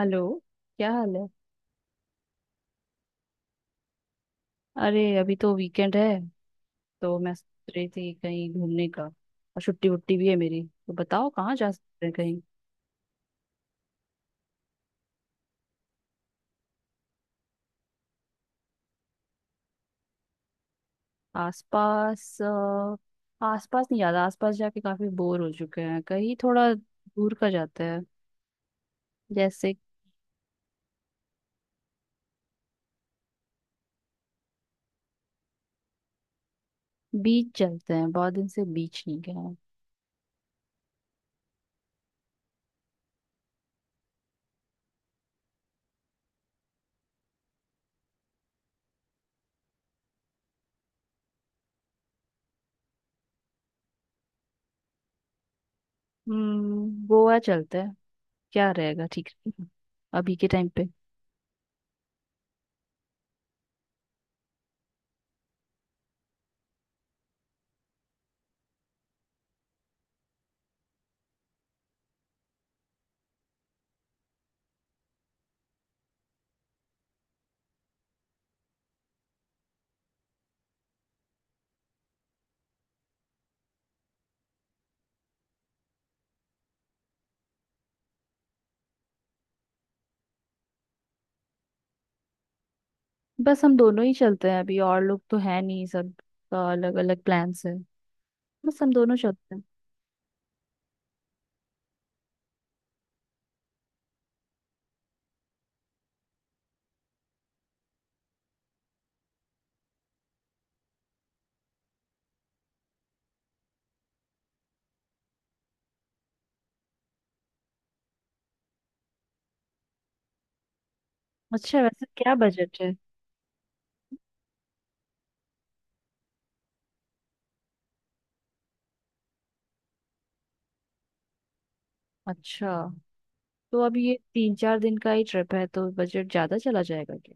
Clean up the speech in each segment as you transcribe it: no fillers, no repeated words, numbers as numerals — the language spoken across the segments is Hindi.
हेलो। क्या हाल है? अरे अभी तो वीकेंड है, तो मैं सोच रही थी कहीं घूमने का, और छुट्टी वुट्टी भी है मेरी। तो बताओ कहाँ जा सकते हैं कहीं? आसपास आसपास नहीं, याद आसपास जाके काफी बोर हो चुके हैं। कहीं थोड़ा दूर का जाते हैं, जैसे बीच चलते हैं। बहुत दिन से बीच नहीं गए हैं। गोवा चलते हैं, क्या रहेगा? ठीक रहेगा अभी के टाइम पे। बस हम दोनों ही चलते हैं अभी, और लोग तो है नहीं, सब अलग अलग प्लान्स है। बस हम दोनों चलते हैं। अच्छा वैसे क्या बजट है? अच्छा, तो अब ये तीन चार दिन का ही ट्रिप है, तो बजट ज्यादा चला जाएगा क्या?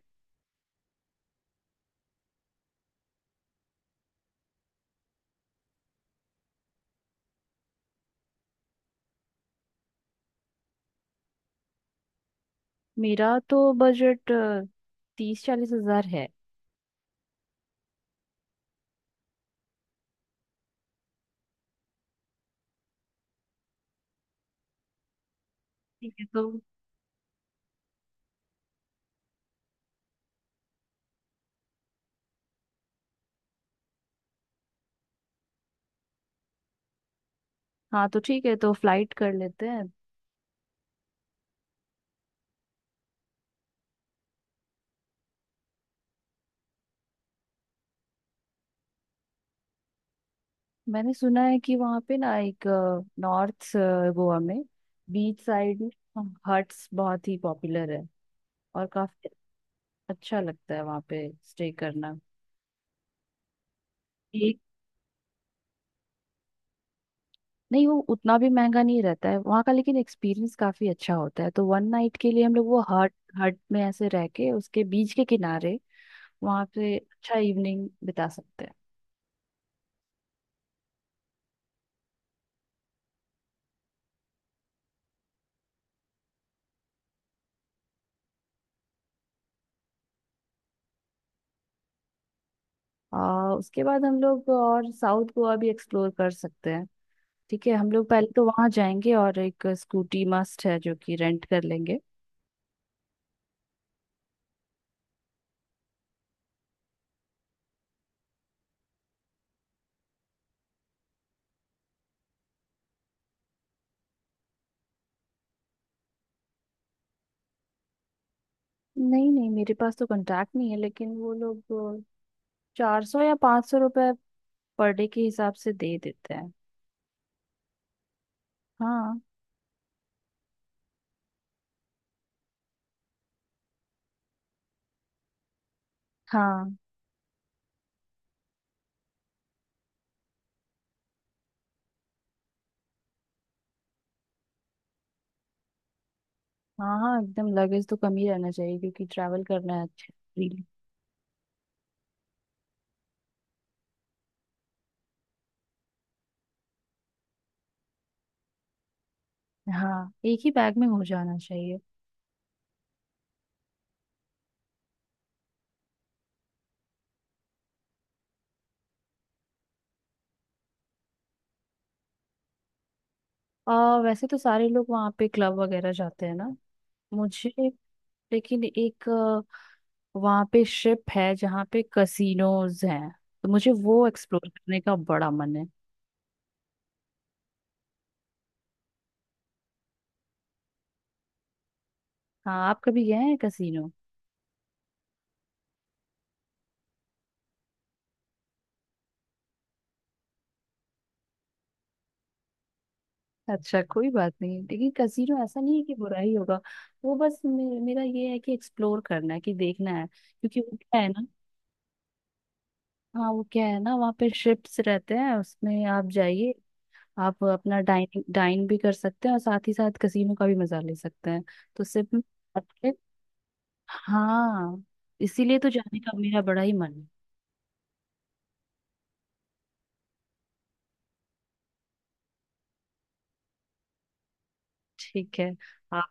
मेरा तो बजट 30-40 हजार है। ठीक है तो। हाँ तो ठीक है, तो फ्लाइट कर लेते हैं। मैंने सुना है कि वहाँ पे ना एक नॉर्थ गोवा में बीच साइड हट्स बहुत ही पॉपुलर है, और काफी अच्छा लगता है वहाँ पे स्टे करना। नहीं, वो उतना भी महंगा नहीं रहता है वहाँ का, लेकिन एक्सपीरियंस काफी अच्छा होता है। तो 1 नाइट के लिए हम लोग वो हट हट में ऐसे रह के उसके बीच के किनारे वहाँ पे अच्छा इवनिंग बिता सकते हैं। और उसके बाद हम लोग और साउथ गोवा भी एक्सप्लोर कर सकते हैं। ठीक है, हम लोग पहले तो वहाँ जाएंगे, और एक स्कूटी मस्ट है जो कि रेंट कर लेंगे। नहीं नहीं, मेरे पास तो कांटेक्ट नहीं है, लेकिन वो लोग 400 या 500 रुपये पर डे के हिसाब से दे देते हैं। हाँ, हाँ, हाँ। हाँ, एकदम लगेज तो कम ही रहना चाहिए, क्योंकि ट्रैवल करना है अच्छा फ्रीली। हाँ, एक ही बैग में हो जाना चाहिए। वैसे तो सारे लोग वहाँ पे क्लब वगैरह जाते हैं ना, मुझे लेकिन एक वहाँ पे शिप है जहाँ पे कसिनोज हैं, तो मुझे वो एक्सप्लोर करने का बड़ा मन है। हाँ, आप कभी गए हैं कसिनो? अच्छा, कोई बात नहीं, लेकिन कसीनो ऐसा नहीं है कि बुरा ही होगा। वो बस मेरा ये है कि एक्सप्लोर करना है कि देखना है, क्योंकि वो क्या है ना। हाँ वो क्या है ना, वहाँ पे शिप्स रहते हैं उसमें आप जाइए। आप अपना डाइन डाइन भी कर सकते हैं और साथ ही साथ कसीनो का भी मजा ले सकते हैं। तो सिर्फ में आपके- हाँ, इसीलिए तो जाने का मेरा बड़ा ही मन है। ठीक है। आप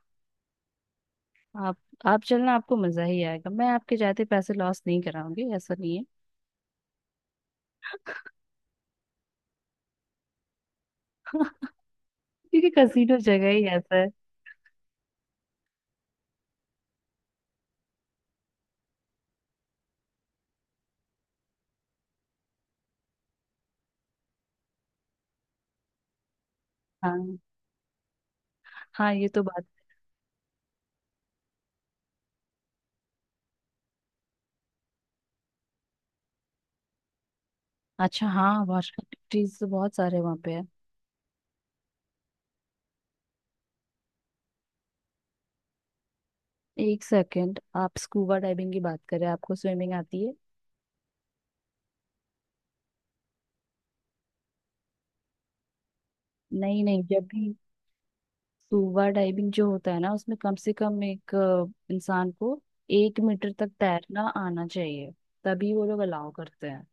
आप आप चलना, आपको मजा ही आएगा। मैं आपके जाते पैसे लॉस नहीं कराऊंगी, ऐसा नहीं है। क्योंकि कसीनो जगह ही ऐसा है। हाँ हाँ, ये तो बात। अच्छा, हाँ, वाटर एक्टिविटीज तो बहुत सारे वहाँ पे है। एक सेकेंड, आप स्कूबा डाइविंग की बात करें, आपको स्विमिंग आती है? नहीं नहीं, जब भी स्कूबा डाइविंग जो होता है ना, उसमें कम से कम एक इंसान को 1 मीटर तक तैरना आना चाहिए, तभी वो लोग अलाउ करते हैं।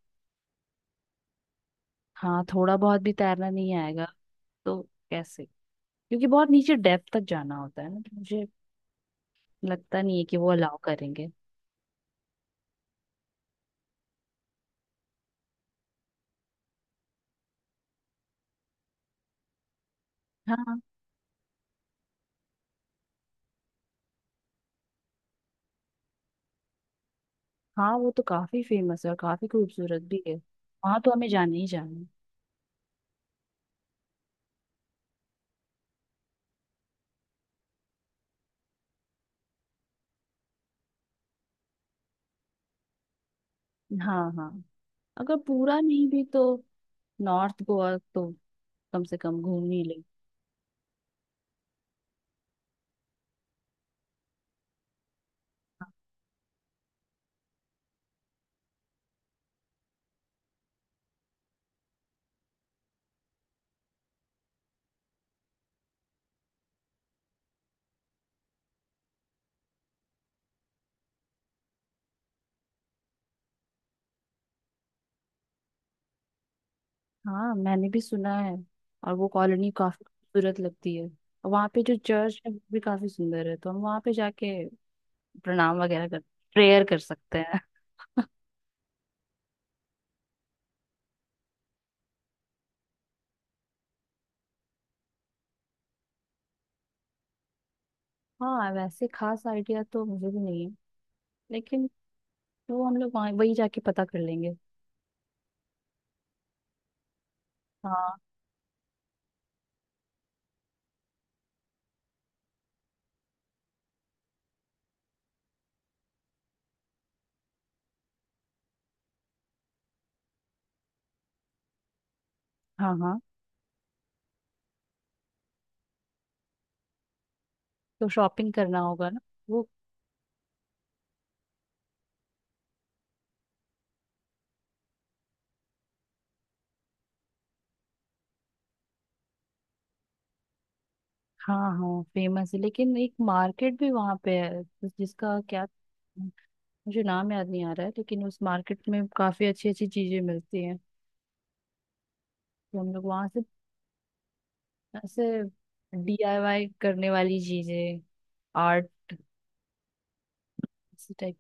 हाँ, थोड़ा बहुत भी तैरना नहीं आएगा तो कैसे? क्योंकि बहुत नीचे डेप्थ तक जाना होता है ना, तो मुझे लगता नहीं है कि वो अलाउ करेंगे। हाँ हाँ, वो तो काफी फेमस है और काफी खूबसूरत भी है, वहां तो हमें जाना ही जाना है। हाँ हाँ, अगर पूरा नहीं भी तो नॉर्थ गोवा तो कम से कम घूम ही ले हाँ, मैंने भी सुना है, और वो कॉलोनी काफी खूबसूरत लगती है, और वहाँ पे जो चर्च है वो भी काफी सुंदर है। तो हम वहाँ पे जाके प्रणाम वगैरह कर प्रेयर कर सकते हैं। हाँ, वैसे खास आइडिया तो मुझे भी नहीं है, लेकिन वो हम लोग वहाँ वही जाके पता कर लेंगे। हाँ हाँ हाँ, तो शॉपिंग करना होगा ना, वो। हाँ हाँ फेमस है, लेकिन एक मार्केट भी वहाँ पे है जिसका क्या, मुझे नाम याद नहीं आ रहा है, लेकिन उस मार्केट में काफी अच्छी अच्छी चीजें मिलती हैं। तो हम लोग वहां से ऐसे DIY करने वाली चीजें, आर्ट, इसी टाइप।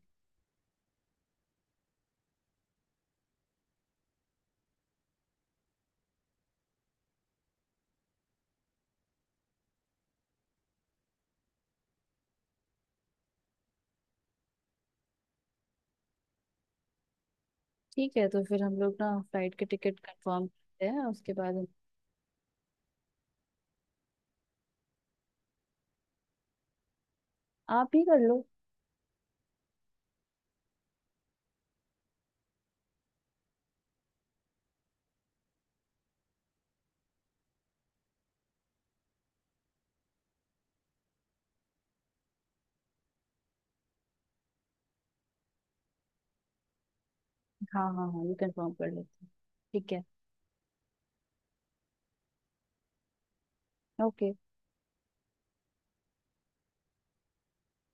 ठीक है, तो फिर हम लोग ना फ्लाइट के टिकट कंफर्म करते हैं उसके बाद। आप ही कर लो। हाँ हाँ हाँ, ये कंफर्म कर लेते हैं। ठीक है। ओके।